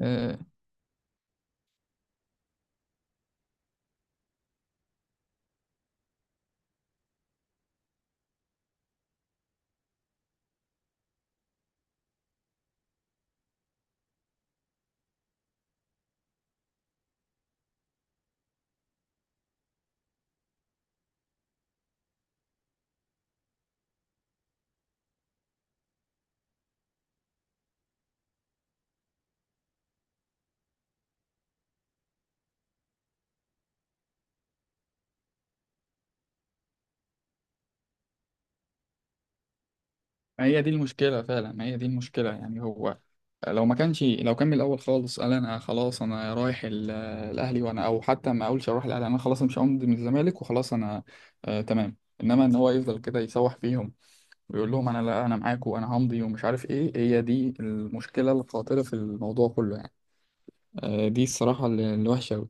آه، ما هي دي المشكلة فعلا، ما هي دي المشكلة. يعني هو لو ما كانش لو كان من الأول خالص قال، أنا خلاص أنا رايح الأهلي، وأنا أو حتى ما أقولش أروح الأهلي، أنا خلاص مش همضي من الزمالك وخلاص أنا. آه تمام. إنما إن هو يفضل كده يسوح فيهم ويقول لهم، أنا لا أنا معاكم وأنا همضي ومش عارف إيه. هي دي المشكلة القاتلة في الموضوع كله يعني. آه، دي الصراحة الوحشة أوي.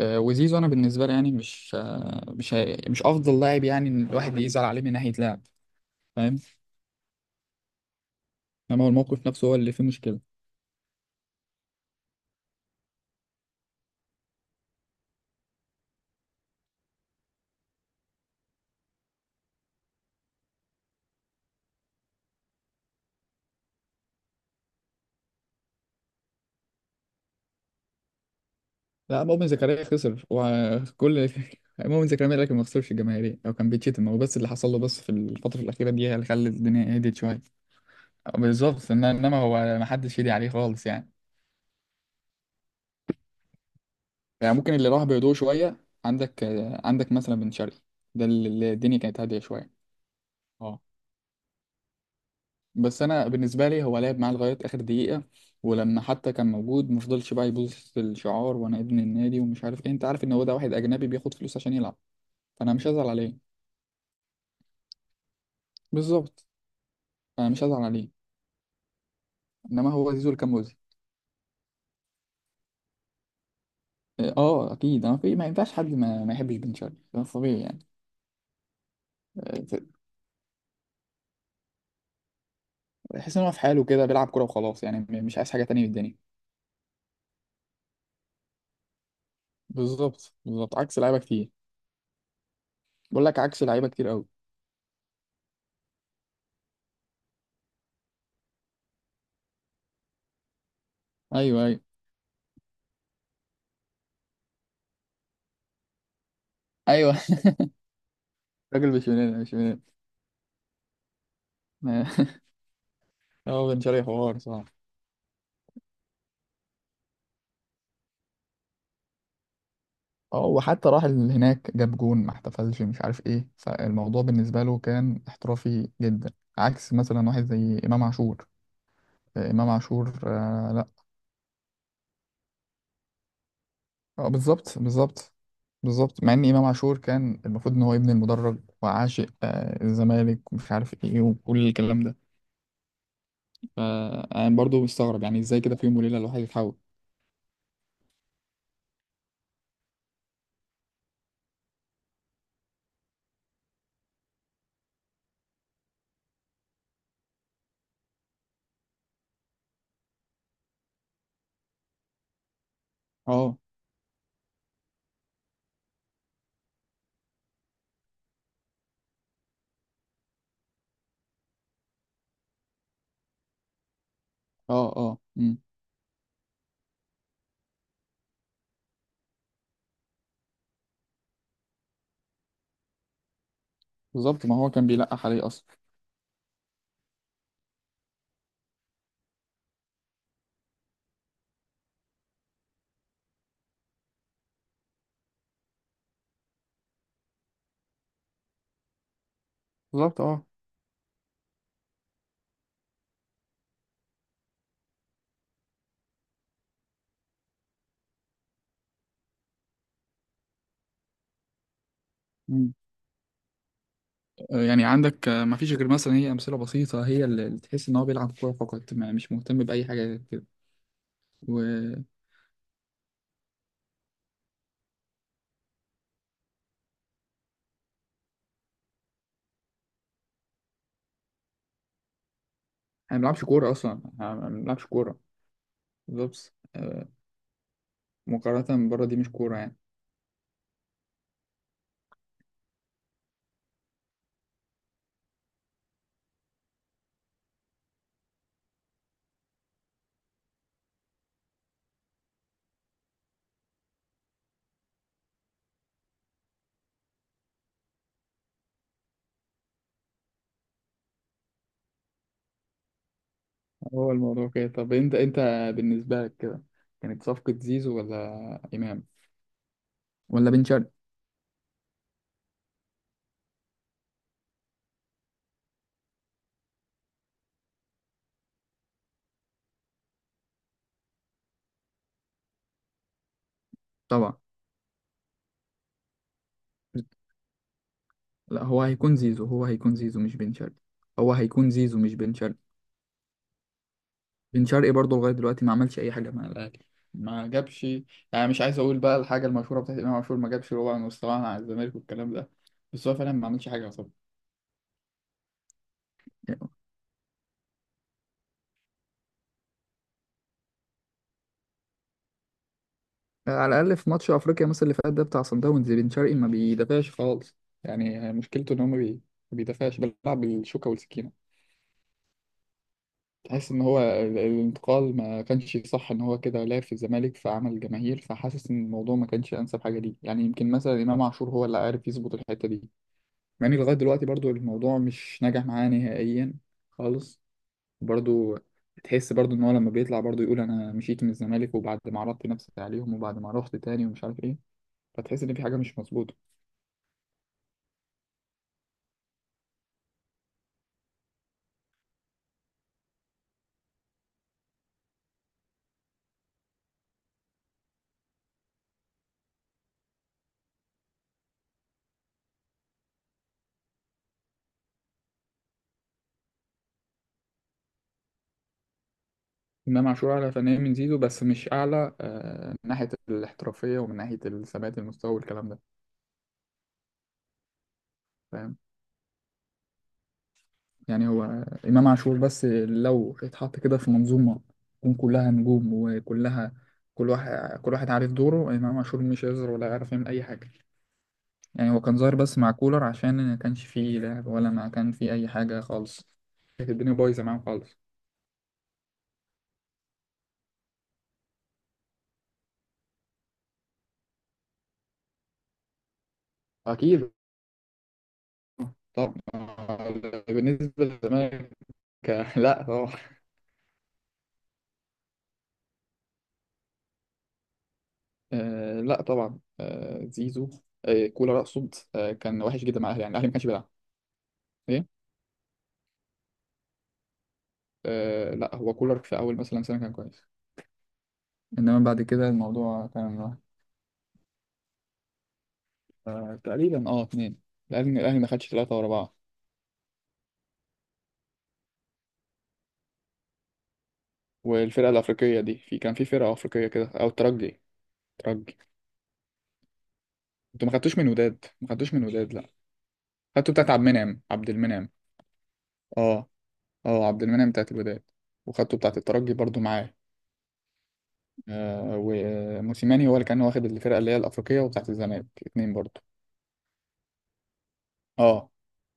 آه، وزيزو أنا بالنسبة لي يعني مش آه مش هي- مش أفضل لاعب، يعني إن الواحد يزعل عليه من ناحية لعب، فاهم. إنما هو الموقف نفسه هو اللي فيه مشكلة. لا، مؤمن زكريا خسر وكل مؤمن زكريا، لكن ما خسرش الجماهيرية او كان بيتشتم هو بس. اللي حصل له بس في الفترة الأخيرة دي هي اللي خلت الدنيا هديت شوية. بالظبط. انما هو ما حدش يدي عليه خالص يعني. يعني ممكن اللي راح بهدوء شوية. عندك عندك مثلا بن شرقي، ده اللي الدنيا كانت هادية شوية. اه، بس انا بالنسبة لي هو لعب معاه لغاية آخر دقيقة، ولما حتى كان موجود ما فضلش بقى يبوظ في الشعار وانا ابن النادي ومش عارف ايه. انت عارف ان هو ده واحد اجنبي بياخد فلوس عشان يلعب، فانا مش هزعل عليه. بالظبط، انا مش هزعل عليه. انما هو زيزو اللي كان مؤذي. اه، آه، اكيد، انا في ما ينفعش حد ما يحبش بن شرقي، ده طبيعي يعني. آه، تحس ان هو في حاله كده بيلعب كوره وخلاص، يعني مش عايز حاجه تانية من الدنيا. بالظبط بالظبط، عكس لعيبه كتير. بقول لك عكس لعيبه كتير قوي. ايوه ايوه ايوه. راجل مش مننا، مش مننا. هو بن شرقي حوار صح. اه، وحتى راح هناك جاب جون ما احتفلش مش عارف ايه، فالموضوع بالنسبه له كان احترافي جدا. عكس مثلا واحد زي امام عاشور. امام عاشور، آه، لا. اه، بالظبط بالظبط. بالظبط، مع ان امام عاشور كان المفروض ان هو ابن المدرج وعاشق الزمالك ومش عارف ايه وكل الكلام ده. فانا برضو مستغرب يعني ازاي كده في يوم وليله الواحد يتحول. اه، اه، اه. مم. بالظبط، ما هو كان بيلقح عليه اصلا. بالظبط. اه. مم. آه، يعني عندك، ما فيش غير مثلا هي امثله بسيطه، هي اللي تحس ان هو بيلعب كوره فقط، ما يعني مش مهتم باي حاجه غير كده. و يعني ما بيلعبش كوره اصلا، ما بيلعبش كوره. بالظبط، آه، مقارنه بره دي مش كوره يعني. هو الموضوع كده. طب انت بالنسبة لك كده كانت صفقة زيزو ولا إمام ولا بن شرقي. طبعا. لا، هو هيكون زيزو مش بن شرقي. هو هيكون زيزو مش بن شرقي. بن شرقي برضه لغاية دلوقتي ما عملش أي حاجة مع الأهلي. ما جابش، يعني مش عايز أقول بقى الحاجة المشهورة بتاعت إمام عاشور، ما جابش ربع مستواه مع الزمالك والكلام ده، بس هو فعلا ما عملش حاجة طبعا. على الأقل في ماتش أفريقيا مثلا اللي فات ده بتاع صن داونز، بن شرقي ما بيدافعش خالص. يعني مشكلته إن هو ما بيدافعش، بيلعب بالشوكة والسكينة. تحس ان هو الانتقال ما كانش صح، ان هو كده لعب في الزمالك فعمل جماهير، فحاسس ان الموضوع ما كانش انسب حاجه ليه. يعني يمكن مثلا امام عاشور هو اللي عارف يظبط الحته دي، مع ان لغايه دلوقتي برضو الموضوع مش ناجح معاه نهائيا خالص. برضو تحس برضو ان هو لما بيطلع برضو يقول، انا مشيت من الزمالك وبعد ما عرضت نفسي عليهم وبعد ما رحت تاني ومش عارف ايه، فتحس ان في حاجه مش مظبوطه. امام عاشور اعلى فنيا من زيزو، بس مش اعلى، من ناحيه الاحترافيه ومن ناحيه ثبات المستوى والكلام ده، فاهم؟ يعني هو إمام عاشور بس لو اتحط كده في منظومة تكون كلها نجوم، وكلها كل واحد كل واحد عارف دوره، إمام عاشور مش هيظهر ولا هيعرف يعمل أي حاجة. يعني هو كان ظاهر بس مع كولر عشان ما كانش فيه لعب ولا ما كان فيه أي حاجة خالص، كانت الدنيا بايظة معاهم خالص. أكيد. طب بالنسبة للزمالك لا طبعا. آه، لا طبعا. زيزو، كولر أقصد، كان وحش جدا مع الأهلي، يعني الأهلي ما كانش بيلعب إيه. آه، لا، هو كولر في أول مثلا سنة كان كويس، انما بعد كده الموضوع كان واحد. آه، تقريبا اه اتنين. الاهلي ما خدش ثلاثة ورا بعض. والفرقة الافريقية دي في فرقة افريقية كده او الترجي. ترجي. انتوا ما خدتوش من وداد، ما خدتوش من وداد لا. خدتوا بتاعت عبد المنعم، عبد المنعم. اه. اه، عبد المنعم بتاعت الوداد، وخدتوا بتاعت الترجي برضو معاه. آه، وموسيماني هو اللي كان واخد الفرقة اللي هي الافريقية وبتاعت الزمالك، اتنين برضو. اه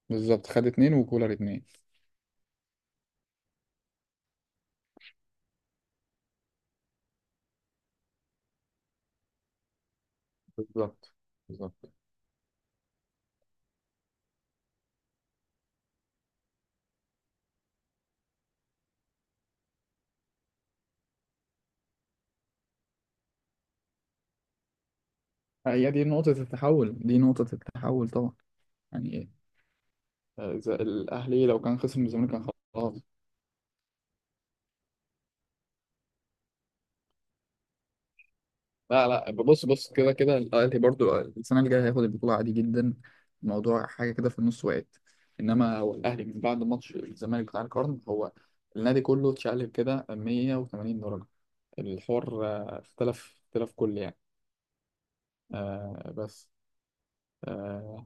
بالظبط، خد اتنين وكولر اتنين. بالظبط بالظبط، هي دي نقطة التحول، دي نقطة التحول طبعا. يعني إذا الاهلي لو كان خسر من الزمالك كان خلاص. لا لا، بص بص، كده كده الاهلي برضو السنه اللي جايه هياخد البطوله عادي جدا. الموضوع حاجه كده في النص وقت. انما هو الاهلي من بعد ماتش الزمالك بتاع القرن، هو النادي كله اتشقلب كده 180 درجه. الحوار آه، اختلف كل يعني. آه بس. آه.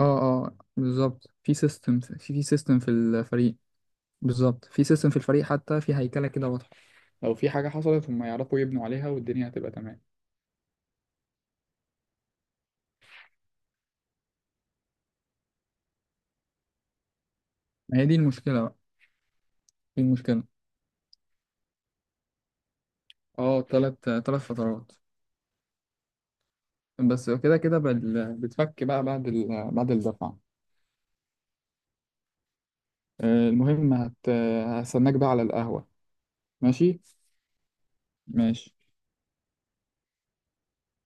اه اه، بالظبط في سيستم، في سيستم في الفريق. بالظبط في سيستم في الفريق، حتى في هيكلة كده واضحة، لو في حاجه حصلت هم يعرفوا يبنوا عليها والدنيا هتبقى تمام. ما هي دي المشكلة بقى، دي المشكلة. اه، تلات فترات. بس كده كده بتفك بقى بعد الدفعة. آه، المهم هستناك بقى على القهوة. ماشي ماشي.